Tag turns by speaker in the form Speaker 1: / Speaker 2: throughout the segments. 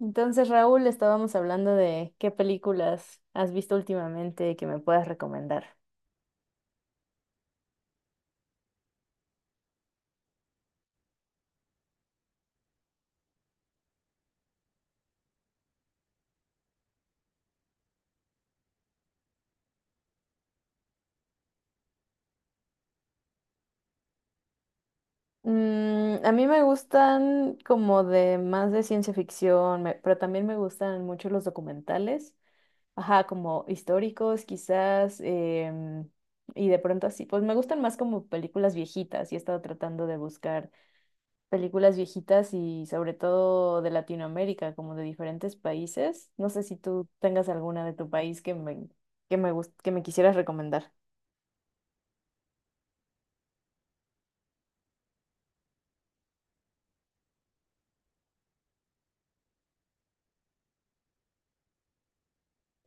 Speaker 1: Entonces, Raúl, estábamos hablando de qué películas has visto últimamente que me puedas recomendar. A mí me gustan como de más de ciencia ficción, pero también me gustan mucho los documentales, ajá, como históricos quizás, y de pronto así, pues me gustan más como películas viejitas y he estado tratando de buscar películas viejitas y sobre todo de Latinoamérica, como de diferentes países. No sé si tú tengas alguna de tu país que que me quisieras recomendar.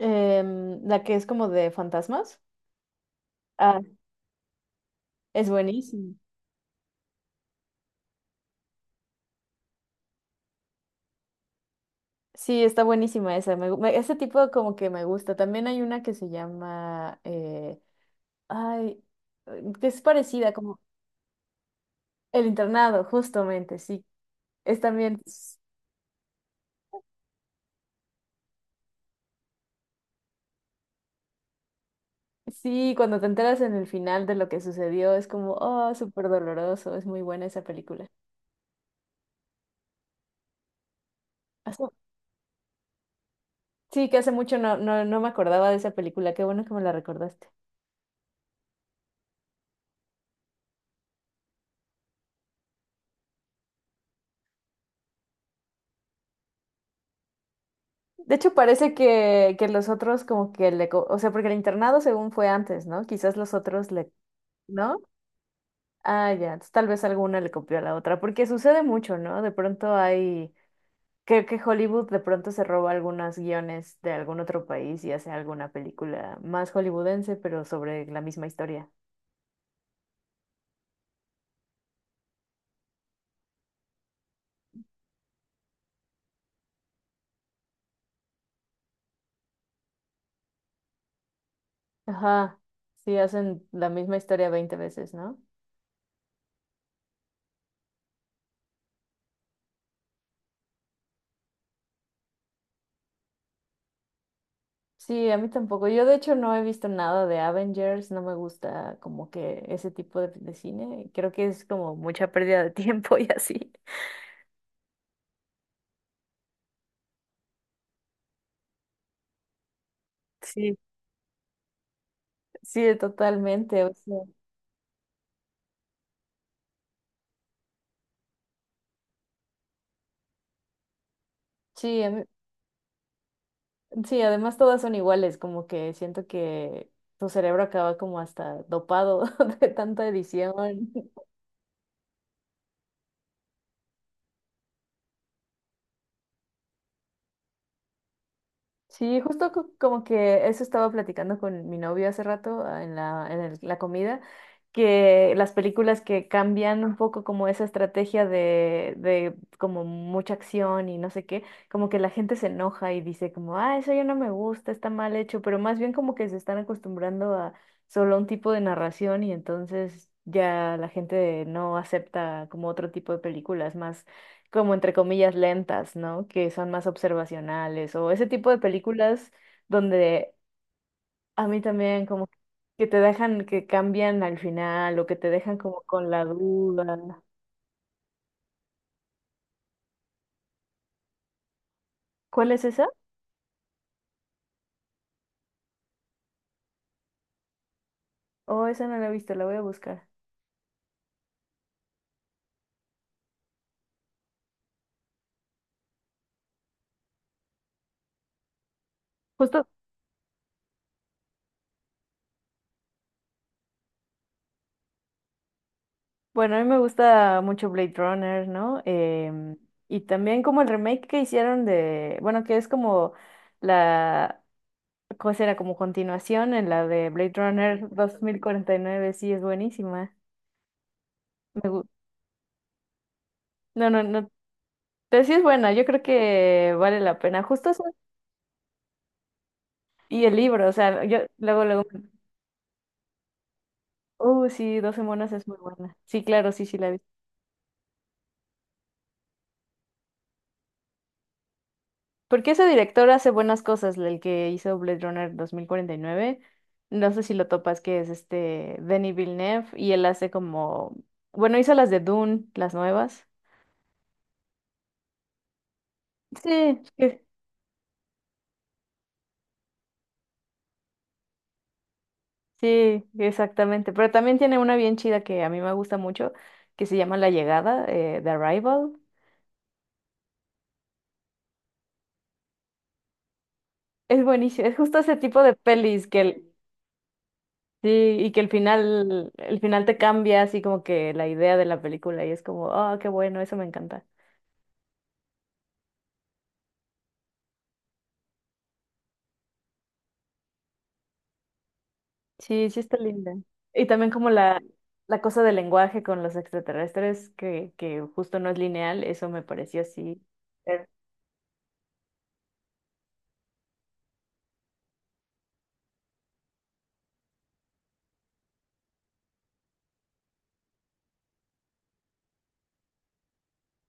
Speaker 1: La que es como de fantasmas. Ah, es buenísima. Sí, está buenísima esa. Ese tipo como que me gusta. También hay una que se llama, ay, que es parecida, como El Internado, justamente, sí. Es también. Sí, cuando te enteras en el final de lo que sucedió, es como, oh, súper doloroso, es muy buena esa película. Hace- Sí, que hace mucho no me acordaba de esa película, qué bueno que me la recordaste. De hecho, parece que los otros como que o sea, porque el internado según fue antes, ¿no? Quizás los otros le... ¿No? Ah, ya, entonces tal vez alguna le copió a la otra, porque sucede mucho, ¿no? De pronto hay... Creo que Hollywood de pronto se roba algunos guiones de algún otro país y hace alguna película más hollywoodense, pero sobre la misma historia. Ajá, sí, hacen la misma historia 20 veces, ¿no? Sí, a mí tampoco. Yo de hecho no he visto nada de Avengers, no me gusta como que ese tipo de cine. Creo que es como mucha pérdida de tiempo y así. Sí, sí, totalmente. O sea, sí, sí, además todas son iguales, como que siento que tu cerebro acaba como hasta dopado de tanta edición. Sí, justo como que eso estaba platicando con mi novio hace rato ah, en la, en el- la comida, que las películas que cambian un poco como esa estrategia de como mucha acción y no sé qué, como que la gente se enoja y dice como, ah, eso ya no me gusta, está mal hecho, pero más bien como que se están acostumbrando a solo un tipo de narración y entonces ya la gente no acepta como otro tipo de películas más como entre comillas lentas, ¿no? Que son más observacionales o ese tipo de películas donde a mí también como que te dejan que cambian al final o que te dejan como con la duda. ¿Cuál es esa? Oh, esa no la he visto, la voy a buscar. Justo, bueno, a mí me gusta mucho Blade Runner, ¿no? Y también como el remake que hicieron de, bueno, que es como la, ¿cómo será? Como continuación en la de Blade Runner 2049. Sí, es buenísima. Me, gu- No, no, no. Pero sí es buena, yo creo que vale la pena. Justo eso. Y el libro, o sea, yo oh, sí, 12 monos es muy buena. Sí, claro, sí, sí la vi. Porque ese director hace buenas cosas, el que hizo Blade Runner 2049. No sé si lo topas, que es este Denis Villeneuve, y él hace como, bueno, hizo las de Dune, las nuevas. Sí, sí, sí, exactamente. Pero también tiene una bien chida que a mí me gusta mucho, que se llama La Llegada, The Arrival. Es buenísimo, es justo ese tipo de pelis sí, y que el final te cambia así como que la idea de la película y es como, ah qué bueno, eso me encanta. Sí, sí está linda. Y también como la cosa del lenguaje con los extraterrestres, que justo no es lineal, eso me pareció así. Eh,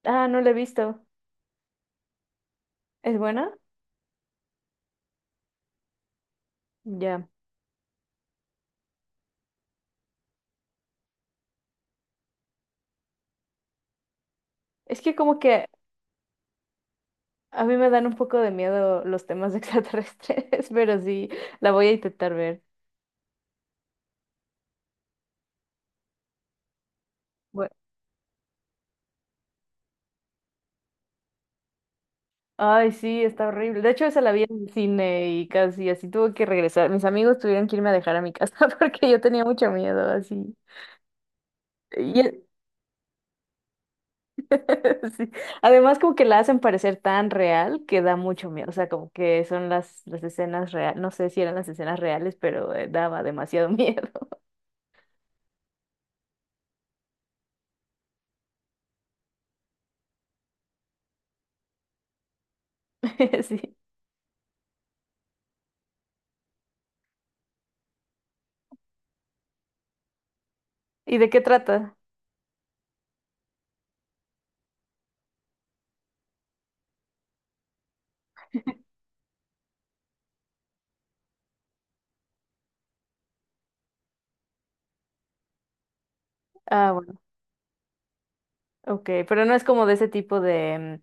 Speaker 1: Ah, no la he visto. ¿Es buena? Ya. Es que como que a mí me dan un poco de miedo los temas de extraterrestres, pero sí, la voy a intentar ver. Ay, sí, está horrible. De hecho, esa la vi en el cine y casi así tuve que regresar. Mis amigos tuvieron que irme a dejar a mi casa porque yo tenía mucho miedo, así. Y e- sí. Además, como que la hacen parecer tan real que da mucho miedo. O sea, como que son las escenas reales. No sé si eran las escenas reales, pero daba demasiado miedo. Sí. ¿Y de qué trata? Ah, bueno, ok. Pero no es como de ese tipo de. mm,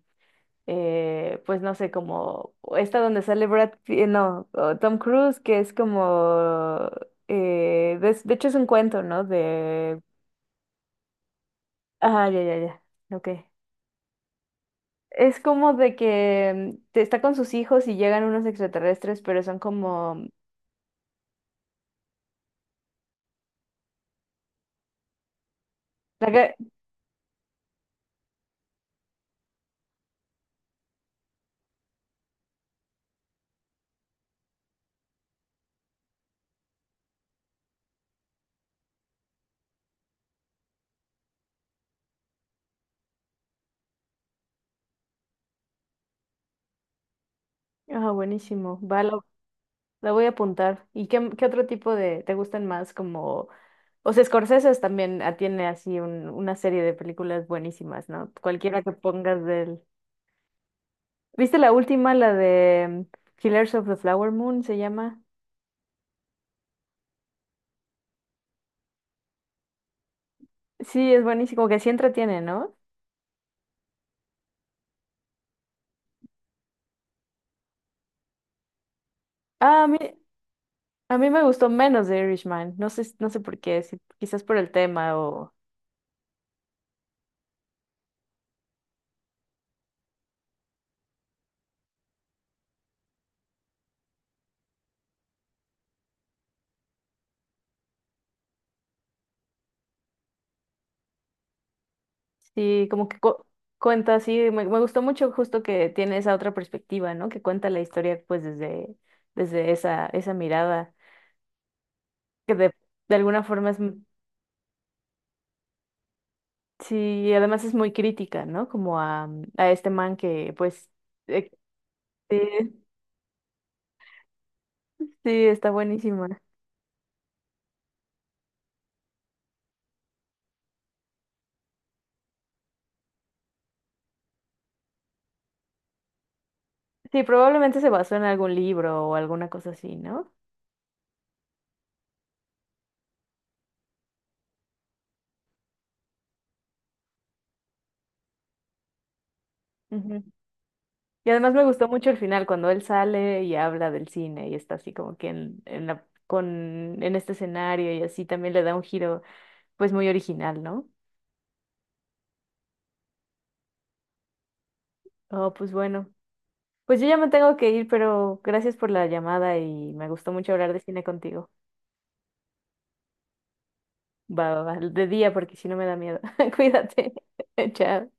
Speaker 1: eh, Pues no sé, como esta donde sale Brad Pitt, no, o Tom Cruise, que es como, de hecho es un cuento, ¿no? Ah, ya, ok. Es como de que está con sus hijos y llegan unos extraterrestres, pero son como, la que- ah, buenísimo, la voy a apuntar. ¿Y qué otro tipo de, te gustan más? Como, o sea, Scorsese también ah, tiene así una serie de películas buenísimas, ¿no? Cualquiera que pongas de él. ¿Viste la última, la de Killers of the Flower Moon se llama? Sí, es buenísimo, como que sí entretiene, ¿no? Ah, a mí, a mí me gustó menos de Irishman, no sé, no sé por qué, quizás por el tema o sí, como que cuenta, sí, me gustó mucho justo que tiene esa otra perspectiva, ¿no? Que cuenta la historia pues desde, esa mirada, que de, de alguna forma es, sí, y además es muy crítica, ¿no? Como a este man que pues, eh, sí, sí, está buenísima. Sí, probablemente se basó en algún libro o alguna cosa así, ¿no? Ujú. Y además me gustó mucho el final, cuando él sale y habla del cine y está así como que en este escenario y así también le da un giro pues muy original, ¿no? Oh, pues bueno. Pues yo ya me tengo que ir, pero gracias por la llamada y me gustó mucho hablar de cine contigo. Va, de día porque si no me da miedo. Cuídate. Chao.